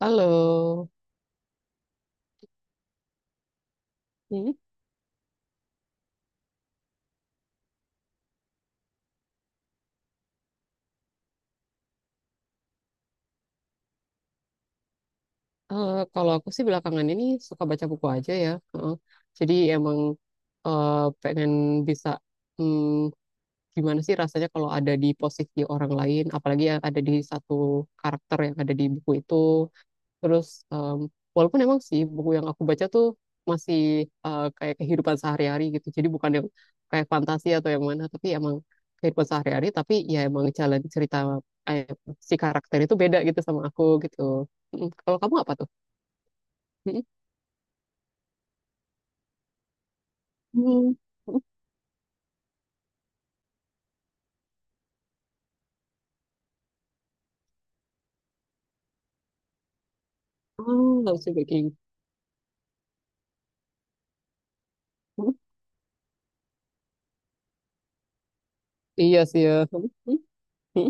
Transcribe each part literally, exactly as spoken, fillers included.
Halo. Hmm, eh, Kalau aku sih belakangan ini suka baca buku aja ya. Heeh. Jadi emang eh, pengen bisa hmm, gimana sih rasanya kalau ada di posisi orang lain, apalagi yang ada di satu karakter yang ada di buku itu. Terus em, walaupun emang sih buku yang aku baca tuh masih eh, kayak kehidupan sehari-hari gitu. Jadi bukan yang kayak fantasi atau yang mana, tapi emang kehidupan sehari-hari. Tapi ya emang jalan cerita eh, si karakter itu beda gitu sama aku gitu. Mm, Kalau kamu apa tuh? Mm, hmm. mm, Ah, love baking. Mm, iya sih ya. Mm, mm, mm.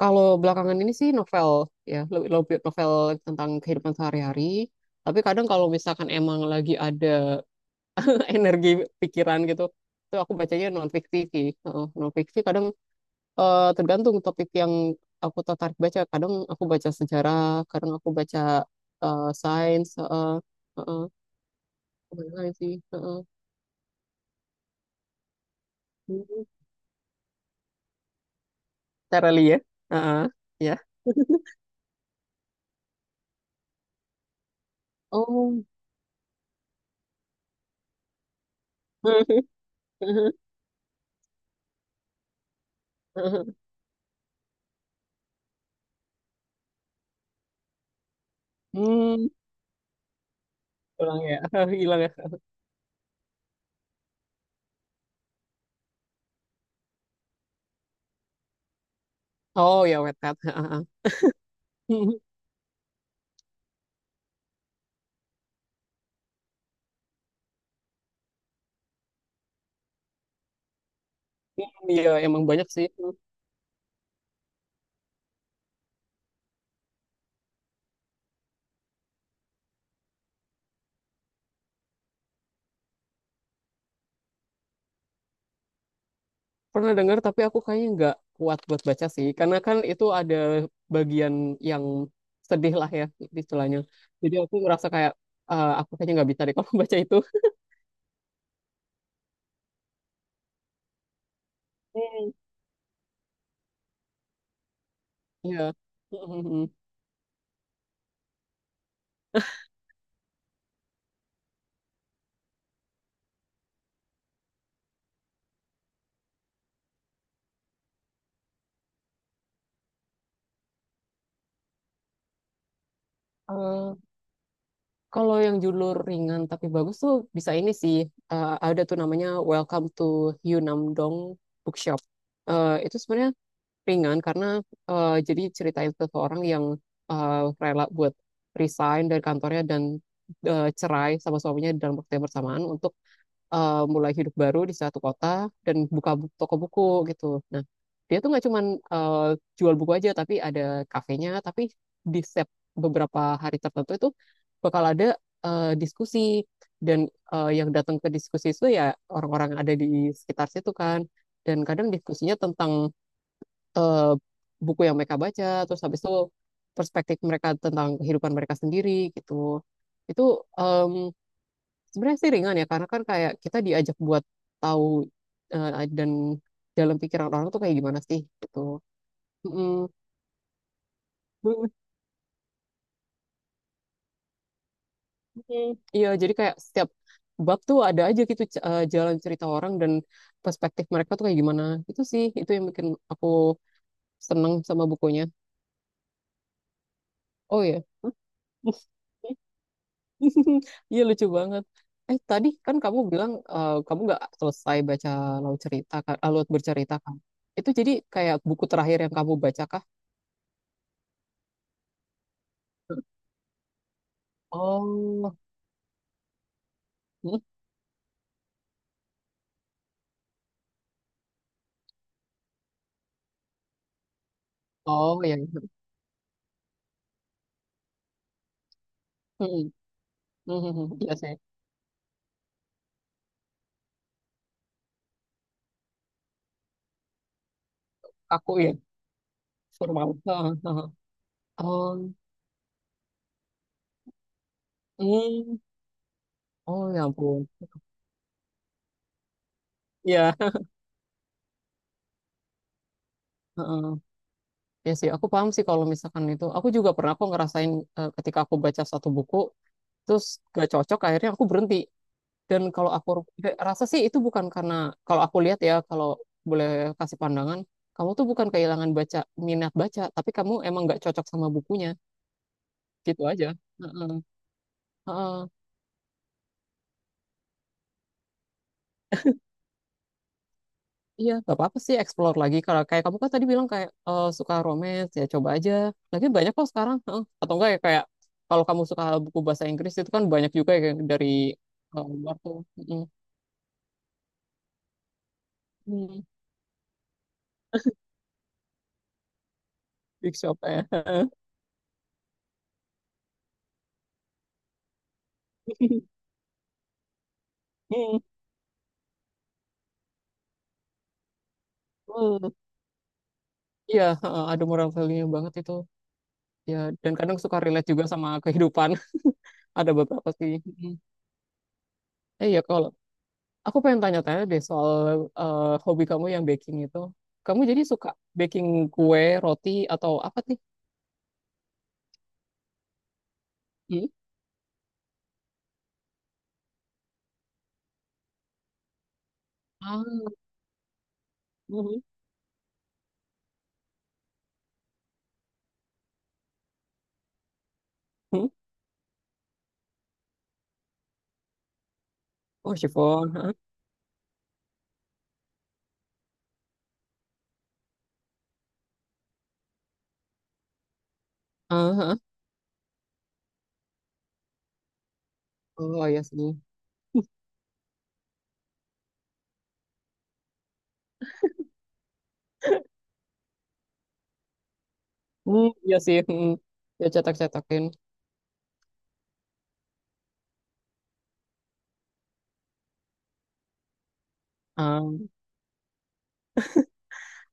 Kalau belakangan ini sih novel ya, lebih lebih novel tentang kehidupan sehari-hari. Tapi kadang kalau misalkan emang lagi ada energi pikiran gitu, itu aku bacanya non fiksi sih. Heeh, non fiksi kadang eh, tergantung topik yang aku tertarik baca, kadang aku baca sejarah, kadang aku baca eh, sains. Heeh, heeh, apa lagi sih. Heeh. Hmm. Cara ya. Heeh, ya. Oh. Hmm, hilang ya. Hilang ya. Oh ya, wetpad. Heeh. Iya emang banyak sih. Pernah dengar tapi aku kayaknya nggak kuat buat baca sih karena kan itu ada bagian yang sedih lah ya istilahnya. Jadi aku merasa kayak, "Ah, aku kayaknya nggak bisa deh kalau baca itu." Hmm. Iya. Mm-mm. Eh, kalau yang judul ringan tapi bagus tuh bisa ini sih. Eh, ada tuh namanya Welcome to Yunam Bookshop. Eh, itu sebenarnya ringan karena eh, jadi ceritain seseorang yang eh, rela buat resign dari kantornya dan eh, cerai sama suaminya dalam waktu yang bersamaan untuk eh, mulai hidup baru di satu kota dan buka bu- toko buku gitu. Nah, dia tuh nggak cuman eh, jual buku aja tapi ada kafenya, tapi di setiap beberapa hari tertentu itu bakal ada eh, diskusi dan eh, yang datang ke diskusi itu ya orang-orang yang ada di sekitar situ kan, dan kadang diskusinya tentang eh, buku yang mereka baca, terus habis itu perspektif mereka tentang kehidupan mereka sendiri gitu. Itu em, sebenarnya sih ringan ya, karena kan kayak kita diajak buat tahu eh, dan dalam pikiran orang tuh kayak gimana sih gitu. Mm-mm. Mm-mm. Iya, jadi kayak setiap bab tuh ada aja gitu c- eh, jalan cerita orang dan perspektif mereka tuh kayak gimana. Itu sih, itu yang bikin aku seneng sama bukunya. Oh iya. Iya lucu banget. Eh, tadi kan kamu bilang eh, kamu nggak selesai baca laut cerita kan, ah, laut bercerita kan. Itu jadi kayak buku terakhir yang kamu baca kah? Oh, hmm. Oh ya. Hmm. Hmm. Iya sih. Aku ya. Formal. Heeh, heeh. Oh, hmm. Oh ya ampun. Iya. Heeh. Ya sih, aku paham sih kalau misalkan itu. Aku juga pernah aku ngerasain eh, ketika aku baca satu buku, terus gak cocok, akhirnya aku berhenti. Dan kalau aku rasa sih itu bukan karena, kalau aku lihat ya, kalau boleh kasih pandangan, kamu tuh bukan kehilangan baca minat baca, tapi kamu emang nggak cocok sama bukunya, gitu aja. Heeh. Heeh. Iya, nggak apa-apa sih explore lagi. Kalau kayak kamu kan tadi bilang kayak eh, suka romance, ya coba aja. Lagi banyak kok sekarang. Heeh. Atau enggak ya kayak kalau kamu suka buku bahasa Inggris itu kan banyak juga ya dari eh, luar tuh. Heeh. Hmm. Big shop ya. Hmm. Hmm. Iya, heeh, ada moral value-nya banget itu. Ya, dan kadang suka relate juga sama kehidupan. Ada beberapa sih. Mm. Eh, ya kalau aku pengen tanya-tanya deh soal eh, hobi kamu yang baking itu. Kamu jadi suka baking kue, roti atau apa sih? Hmm? Ah, mhm. Hmm? Oh, chiffon. Hah? Ah, hah. Oh iya sih. Hmm, iya sih. Hmm. Ya cetak-cetakin. Ah.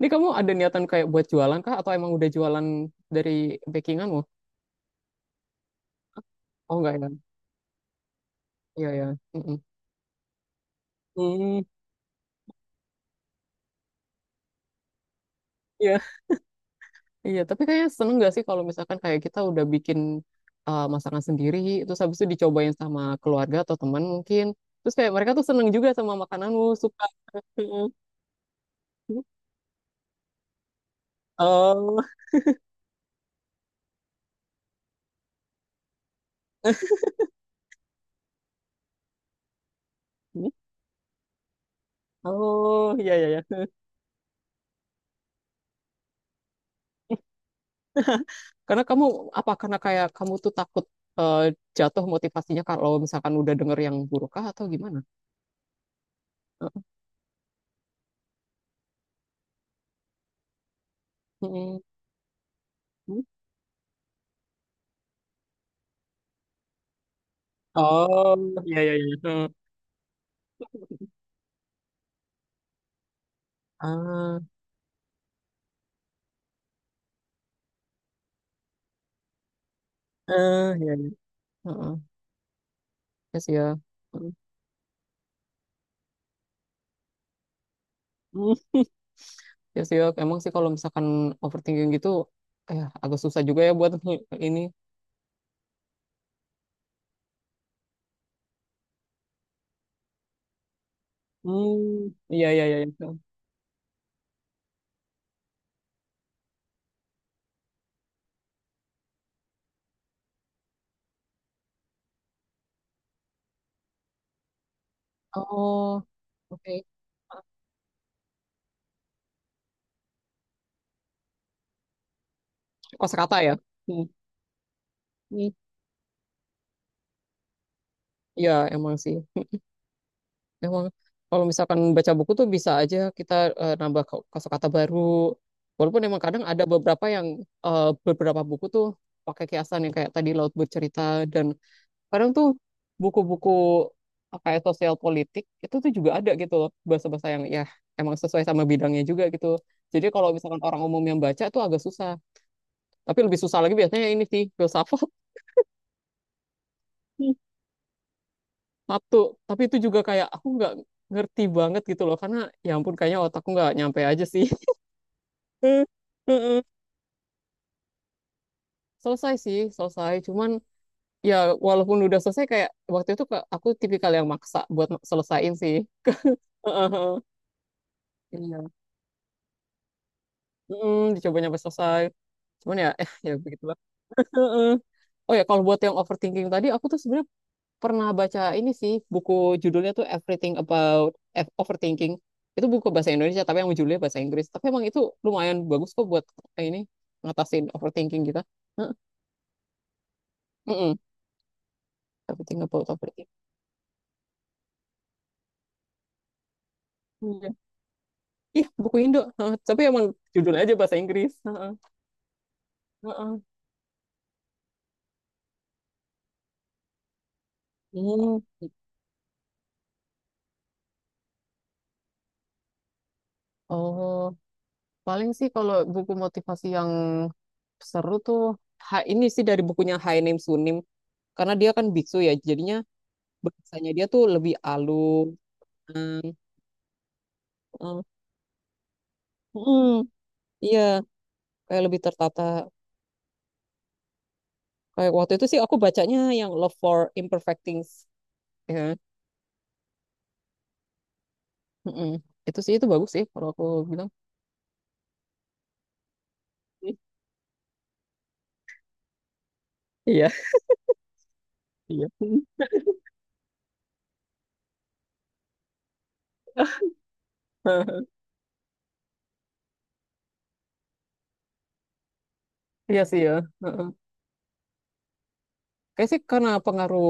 Ini kamu ada niatan kayak buat jualan kah atau emang udah jualan dari bakinganmu? Oh enggak ya. Iya ya. Mm-mm. Hmm. Iya. Iya, tapi kayaknya seneng gak sih kalau misalkan kayak kita udah bikin uh, masakan sendiri, terus habis itu dicobain sama keluarga atau teman mungkin. Terus kayak mereka tuh seneng juga sama makananmu, suka. Oh, oh, iya, iya, iya. Karena kamu, apa, karena kayak kamu tuh takut uh, jatuh motivasinya kalau misalkan udah denger yang buruk kah atau gimana? Mm-mm. Oh, iya, iya, iya. Ah, eh, iya, iya. Heeh. Yes, ya. Mm. Ya sih, ya, emang sih kalau misalkan overthinking gitu, eh agak susah juga ya buat ini. Hmm, iya iya iya. Iya. Oh, oke. Kosakata ya. Hmm. Hmm. Iya, emang sih. Emang kalau misalkan baca buku tuh bisa aja kita eh, nambah ko- kosakata baru. Walaupun emang kadang ada beberapa yang eh, beberapa buku tuh pakai kiasan yang kayak tadi Laut Bercerita, dan kadang tuh buku-buku apa ya sosial politik itu tuh juga ada gitu loh bahasa-bahasa yang ya emang sesuai sama bidangnya juga gitu, jadi kalau misalkan orang umum yang baca tuh agak susah, tapi lebih susah lagi biasanya ini sih filsafat. Satu, tapi itu juga kayak aku nggak ngerti banget gitu loh karena ya ampun kayaknya otakku nggak nyampe aja sih. Heeh. Selesai sih selesai, cuman ya, walaupun udah selesai kayak waktu itu ke- aku tipikal yang maksa buat selesaiin sih. Heeh. Iya. Mm, dicoba nyampe selesai. Cuman ya, ya begitu lah. Heeh. Oh ya, kalau buat yang overthinking tadi, aku tuh sebenarnya pernah baca ini sih, buku judulnya tuh Everything About F- Overthinking. Itu buku bahasa Indonesia, tapi yang judulnya bahasa Inggris. Tapi emang itu lumayan bagus kok buat eh, ini, ngatasin overthinking kita. Heeh. Mm-mm. Everything About Overthinking. Iya. Ih, buku Indo. Heeh. Tapi emang judulnya aja bahasa Inggris. Heeh. Heeh. Hmm. Oh, paling sih kalau buku motivasi yang seru tuh ha, ini sih dari bukunya Haenim Sunim, karena dia kan biksu ya jadinya bahasanya dia tuh lebih alus. Eh, mm, iya, kayak lebih tertata, kayak waktu itu sih aku bacanya yang Love for Imperfect Things ya kan? Mm-mm. Itu sih, itu bagus sih kalau aku bilang. Iya iya. Iya sih ya. Heeh, kayak sih karena pengaruh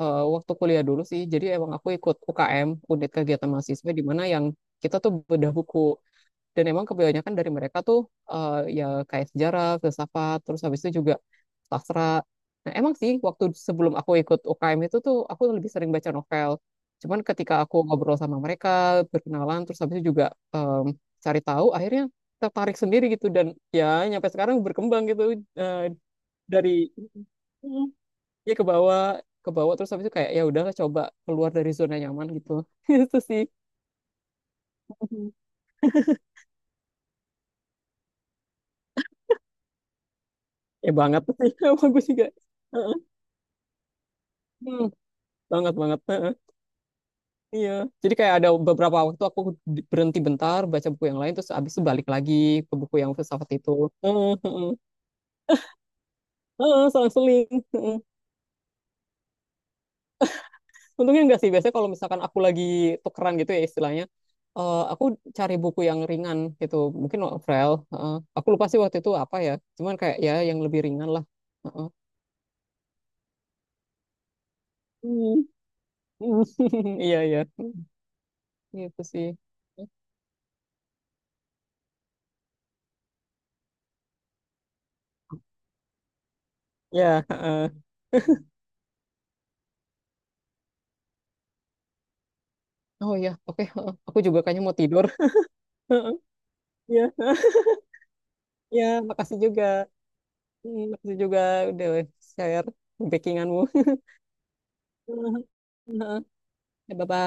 eh, waktu kuliah dulu sih, jadi emang aku ikut U K M unit kegiatan mahasiswa di mana yang kita tuh bedah buku, dan emang kebanyakan dari mereka tuh eh, ya kayak sejarah, filsafat, terus habis itu juga sastra. Nah, emang sih waktu sebelum aku ikut U K M itu tuh aku lebih sering baca novel. Cuman ketika aku ngobrol sama mereka, berkenalan, terus habis itu juga em, cari tahu, akhirnya tertarik sendiri gitu dan ya nyampe sekarang berkembang gitu eh, dari Mm. ya ke bawah, ke bawah terus habis itu kayak ya udahlah coba keluar dari zona nyaman gitu. Itu sih. Ya banget sih. Bagus juga. Heeh, banget banget. Heeh, iya, jadi kayak ada beberapa waktu aku di- berhenti bentar baca buku yang lain terus abis itu balik lagi ke buku yang filsafat itu. Heeh, heeh. Heeh, selang-seling. Heeh. Untungnya enggak sih, biasanya kalau misalkan aku lagi tukeran gitu ya istilahnya eh, aku cari buku yang ringan gitu mungkin novel. Heeh. Aku lupa sih waktu itu apa ya, cuman kayak ya yang lebih ringan lah. Heeh. Hmm. Iya iya, gitu sih. Ya heeh. Oh ya, oke, heeh. Aku juga kayaknya mau tidur. Heeh, iya. Ya, makasih juga. Hmm, makasih juga udah share bakinganmu. Bye-bye.